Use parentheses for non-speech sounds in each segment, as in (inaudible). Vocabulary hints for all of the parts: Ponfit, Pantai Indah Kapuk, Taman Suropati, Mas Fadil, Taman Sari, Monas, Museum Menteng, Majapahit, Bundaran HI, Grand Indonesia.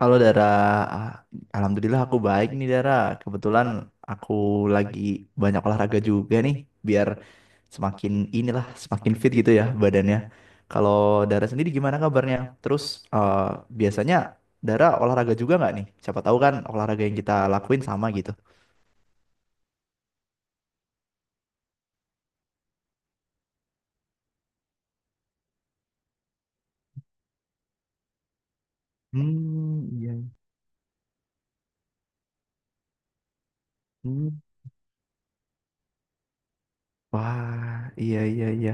Halo Dara, Ah, Alhamdulillah aku baik nih Dara. Kebetulan aku lagi banyak olahraga juga nih, biar semakin inilah, semakin fit gitu ya badannya. Kalau Dara sendiri gimana kabarnya? Terus eh, biasanya Dara olahraga juga nggak nih? Siapa tahu kan olahraga yang kita lakuin sama gitu. Hmm, iya. Hmm. Wah, iya iya iya.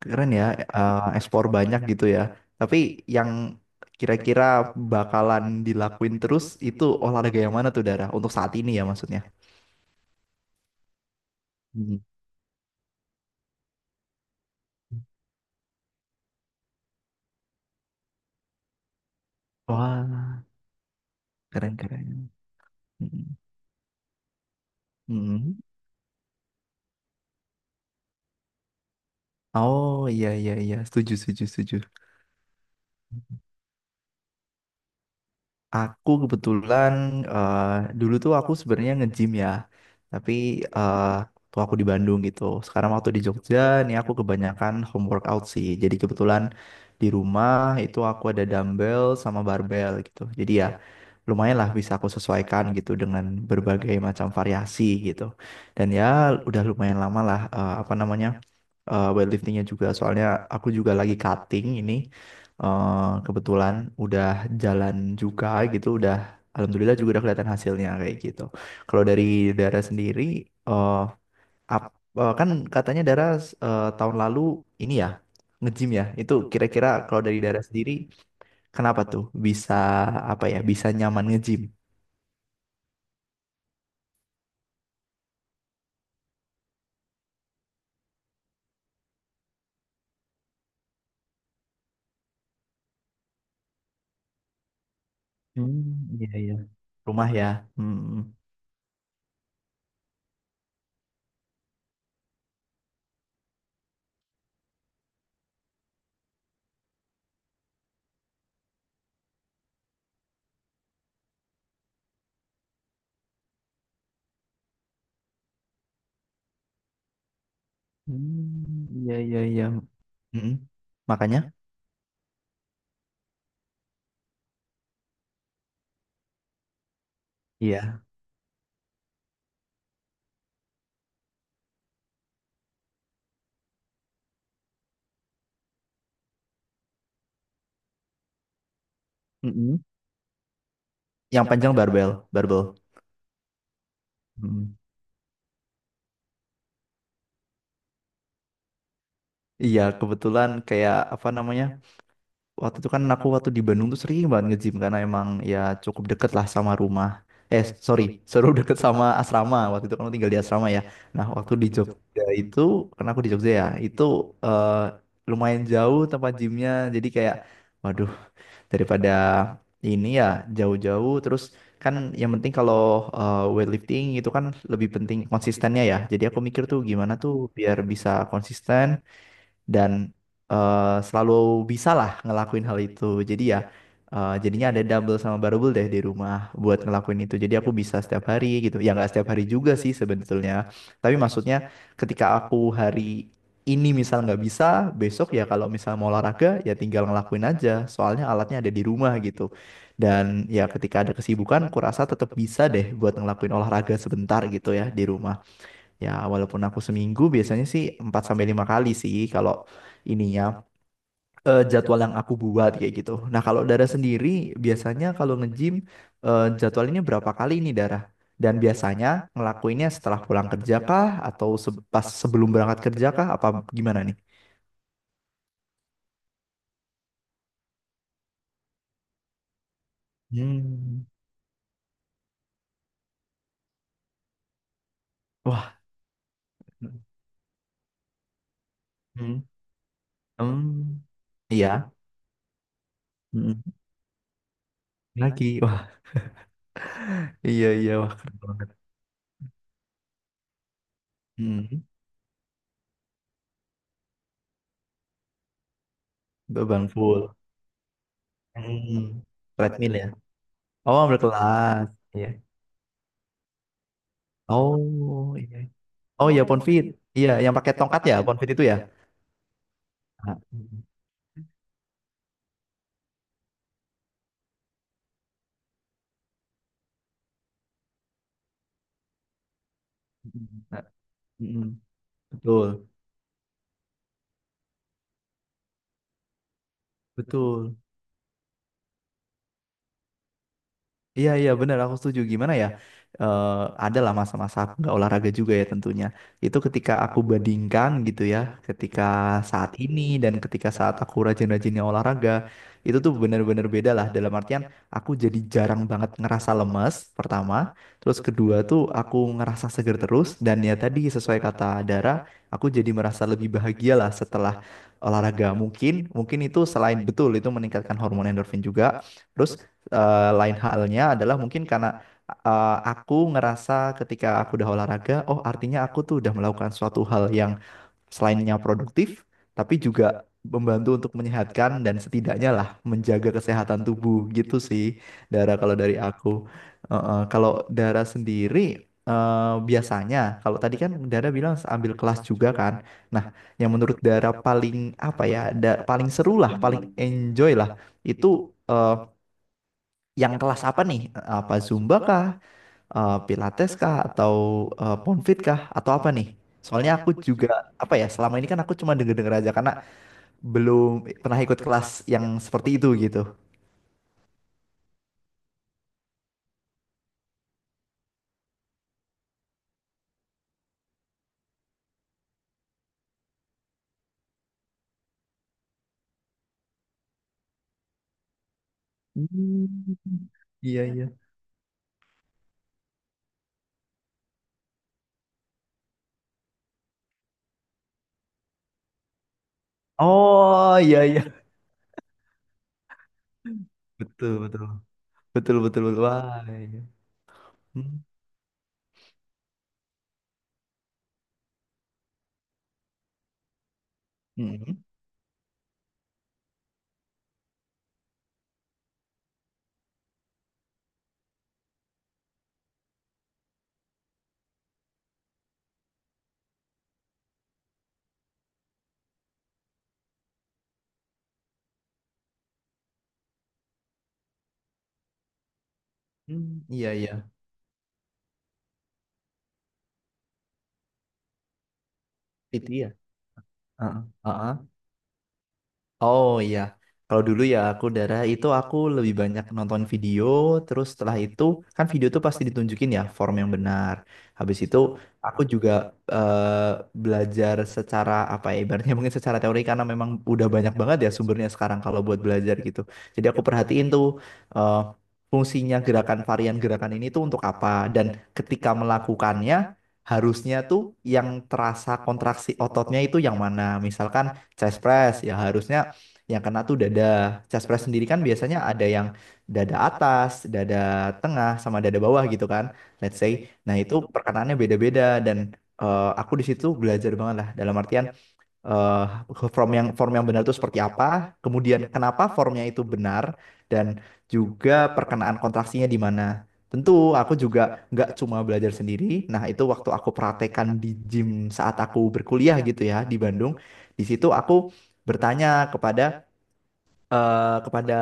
Keren ya, ekspor banyak gitu ya. Tapi yang kira-kira bakalan dilakuin terus itu olahraga yang mana tuh Dara? Untuk saat ini ya maksudnya. Hmm. Wah, keren-keren. Oh iya iya iya, setuju setuju setuju. Aku kebetulan eh, dulu tuh aku sebenarnya nge-gym ya, tapi eh tuh aku di Bandung gitu. Sekarang waktu di Jogja, nih aku kebanyakan home workout sih. Jadi kebetulan di rumah itu aku ada dumbbell sama barbell gitu. Jadi ya lumayan lah bisa aku sesuaikan gitu dengan berbagai macam variasi gitu. Dan ya udah lumayan lama lah apa namanya weightliftingnya juga. Soalnya aku juga lagi cutting ini eh, kebetulan udah jalan juga gitu, udah alhamdulillah juga udah kelihatan hasilnya kayak gitu. Kalau dari Dara sendiri, eh ap- kan katanya Dara tahun lalu ini ya nge-gym ya. Itu kira-kira kalau dari Dara sendiri, kenapa tuh bisa apa ya bisa nyaman nge-gym. Hmm, iya iya. Rumah ya? Hmm. Hmm, iya iya iya. Mm-mm. Makanya, iya. Mm-mm. Yang panjang barbel, barbel. Iya, kebetulan kayak apa namanya? Waktu itu kan aku waktu di Bandung tuh sering banget nge-gym karena emang ya cukup deket lah sama rumah. Eh, sorry, (laughs) seru deket sama asrama. Waktu itu kan aku tinggal di asrama ya. Nah, waktu di Jogja itu, karena aku di Jogja ya, itu eh, lumayan jauh tempat gymnya. Jadi kayak, waduh, daripada ini ya jauh-jauh. Terus kan yang penting kalau weightlifting itu kan lebih penting konsistennya ya. Jadi aku mikir tuh gimana tuh biar bisa konsisten dan selalu bisa lah ngelakuin hal itu. Jadi ya jadinya ada double sama barbell deh di rumah buat ngelakuin itu. Jadi aku bisa setiap hari gitu. Ya nggak setiap hari juga sih sebetulnya. Tapi maksudnya ketika aku hari ini misal nggak bisa, besok ya kalau misal mau olahraga ya tinggal ngelakuin aja. Soalnya alatnya ada di rumah gitu. Dan ya ketika ada kesibukan, aku rasa tetap bisa deh buat ngelakuin olahraga sebentar gitu ya di rumah. Ya, walaupun aku seminggu biasanya sih 4 sampai 5 kali sih kalau ininya jadwal yang aku buat kayak gitu. Nah, kalau Dara sendiri biasanya kalau nge-gym jadwalnya berapa kali ini Dara? Dan biasanya ngelakuinnya setelah pulang kerja kah atau pas sebelum berangkat kerja kah apa gimana nih? Hmm. Wah. Hmm. Hmm. Iya. Hmm. Lagi. Wah, iya iya wah keren banget. Hmm. Beban full. Hmm. Treadmill ya. Oh, berkelas. Iya. Oh iya. Oh tahu iya kan Ponfit. Iya, yang pakai tongkat ya ya. Ponfit itu ya. Ya. Nah, mm, mm, mm. Mm, betul, betul. Iya iya benar aku setuju gimana ya eh ada lah masa-masa aku nggak olahraga juga ya tentunya itu ketika aku bandingkan gitu ya ketika saat ini dan ketika saat aku rajin-rajinnya olahraga itu tuh benar-benar beda lah dalam artian aku jadi jarang banget ngerasa lemes pertama terus kedua tuh aku ngerasa seger terus dan ya tadi sesuai kata Dara aku jadi merasa lebih bahagia lah setelah olahraga mungkin mungkin itu selain betul itu meningkatkan hormon endorfin juga terus. Lain halnya adalah mungkin karena aku ngerasa ketika aku udah olahraga, oh artinya aku tuh udah melakukan suatu hal yang selainnya produktif, tapi juga membantu untuk menyehatkan dan setidaknya lah menjaga kesehatan tubuh gitu sih, Dara kalau dari aku. Kalau Dara sendiri biasanya kalau tadi kan Dara bilang ambil kelas juga kan. Nah, yang menurut Dara paling apa ya, paling seru lah, paling enjoy lah itu yang kelas apa nih? Apa Zumba kah? Pilates kah? Atau Ponfit kah? Atau apa nih? Soalnya aku juga apa ya selama ini kan aku cuma denger-denger aja karena belum pernah ikut kelas yang seperti itu gitu. Iya iya. Oh iya iya. Betul betul betul betul betul. Wah iya. Hmm. Hmm. Hmm. Iya iya. Itu ya. Heeh. Oh iya, kalau dulu ya aku darah itu aku lebih banyak nonton video, terus setelah itu kan video tuh pasti ditunjukin ya form yang benar. Habis itu aku juga eh, belajar secara apa ya, ibaratnya mungkin secara teori karena memang udah banyak banget ya sumbernya sekarang kalau buat belajar gitu. Jadi aku perhatiin tuh eh, fungsinya gerakan varian gerakan ini tuh untuk apa dan ketika melakukannya harusnya tuh yang terasa kontraksi ototnya itu yang mana. Misalkan chest press ya harusnya yang kena tuh dada, caspres sendiri kan biasanya ada yang dada atas, dada tengah, sama dada bawah gitu kan, let's say. Nah itu perkenaannya beda-beda dan aku di situ belajar banget lah dalam artian eh, form yang benar itu seperti apa, kemudian kenapa formnya itu benar dan juga perkenaan kontraksinya di mana. Tentu aku juga nggak cuma belajar sendiri. Nah itu waktu aku praktekan di gym saat aku berkuliah gitu ya di Bandung. Di situ aku bertanya kepada kepada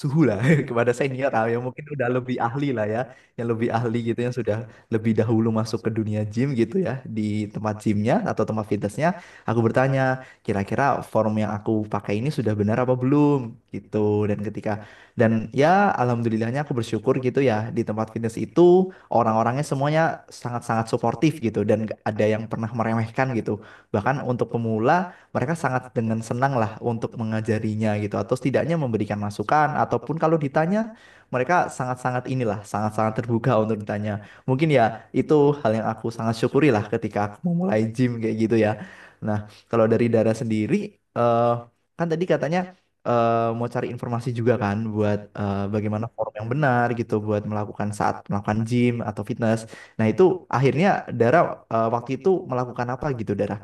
suhu lah, (laughs) kepada senior lah, yang mungkin udah lebih ahli lah ya, yang lebih ahli gitu, yang sudah lebih dahulu masuk ke dunia gym gitu ya, di tempat gymnya atau tempat fitnessnya, aku bertanya, kira-kira form yang aku pakai ini sudah benar apa belum gitu, dan ketika, dan ya alhamdulillahnya aku bersyukur gitu ya, di tempat fitness itu orang-orangnya semuanya sangat-sangat suportif gitu, dan nggak ada yang pernah meremehkan gitu, bahkan untuk pemula mereka sangat dengan senang lah untuk mengajarinya gitu atau setidaknya memberikan masukan ataupun kalau ditanya mereka sangat-sangat inilah sangat-sangat terbuka untuk ditanya mungkin ya itu hal yang aku sangat syukuri lah ketika aku memulai gym kayak gitu ya. Nah kalau dari Dara sendiri eh, kan tadi katanya eh, mau cari informasi juga kan buat bagaimana form yang benar gitu buat melakukan saat melakukan gym atau fitness, nah itu akhirnya Dara waktu itu melakukan apa gitu Dara.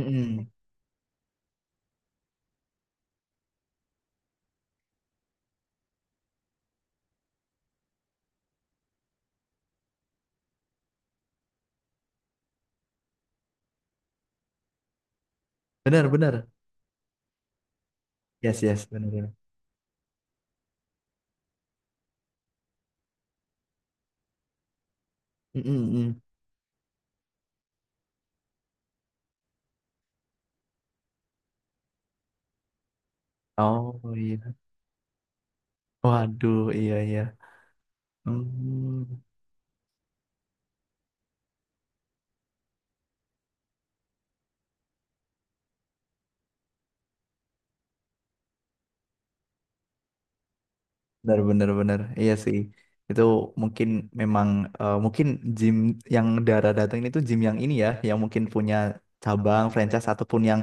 Mm-mm. Benar, benar. Yes, yes, benar benar. Mm, mm, mm. Oh iya. Waduh, iya iya. Hmm. Benar, benar, benar. Iya sih. Itu mungkin memang mungkin gym yang Dara datang ini tuh gym yang ini ya, yang mungkin punya cabang, franchise ataupun yang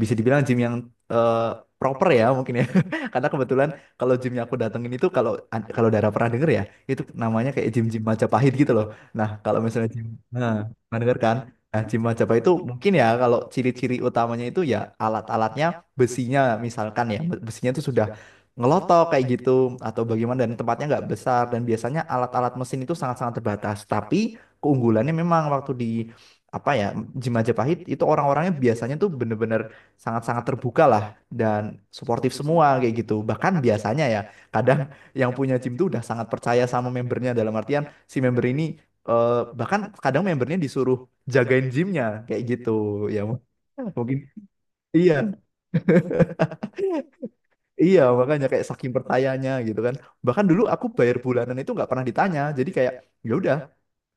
bisa dibilang gym yang eh, proper ya mungkin ya. (laughs) Karena kebetulan kalau gym yang aku datengin itu kalau kalau Dara pernah denger ya, itu namanya kayak gym-gym Majapahit gitu loh. Nah, kalau misalnya gym nah, pernah denger kan? Nah, gym Majapahit itu mungkin ya kalau ciri-ciri utamanya itu ya alat-alatnya besinya misalkan ya, besinya itu sudah ngelotok kayak gitu atau bagaimana dan tempatnya nggak besar dan biasanya alat-alat mesin itu sangat-sangat terbatas tapi keunggulannya memang waktu di apa ya, Gym Majapahit itu orang-orangnya biasanya tuh bener-bener sangat-sangat terbuka lah dan suportif semua kayak gitu bahkan biasanya ya kadang yang punya gym tuh udah sangat percaya sama membernya dalam artian si member ini eh, bahkan kadang membernya disuruh jagain gymnya kayak gitu ya mungkin iya. Iya, makanya kayak saking pertanyanya gitu kan. Bahkan dulu aku bayar bulanan itu nggak pernah ditanya. Jadi kayak ya udah,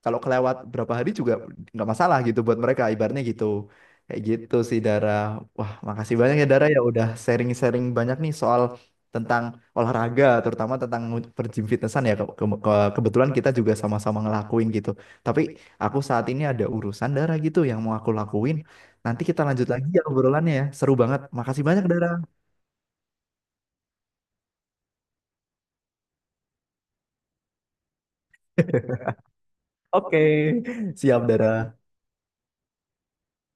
kalau kelewat berapa hari juga nggak masalah gitu buat mereka ibaratnya gitu. Kayak gitu sih Dara. Wah, makasih banyak ya Dara ya udah sharing-sharing banyak nih soal tentang olahraga, terutama tentang bergym fitnessan ya. Kebetulan kita juga sama-sama ngelakuin gitu. Tapi aku saat ini ada urusan Dara gitu yang mau aku lakuin. Nanti kita lanjut lagi ya obrolannya ya. Seru banget. Makasih banyak Dara. Oke, siap Dara.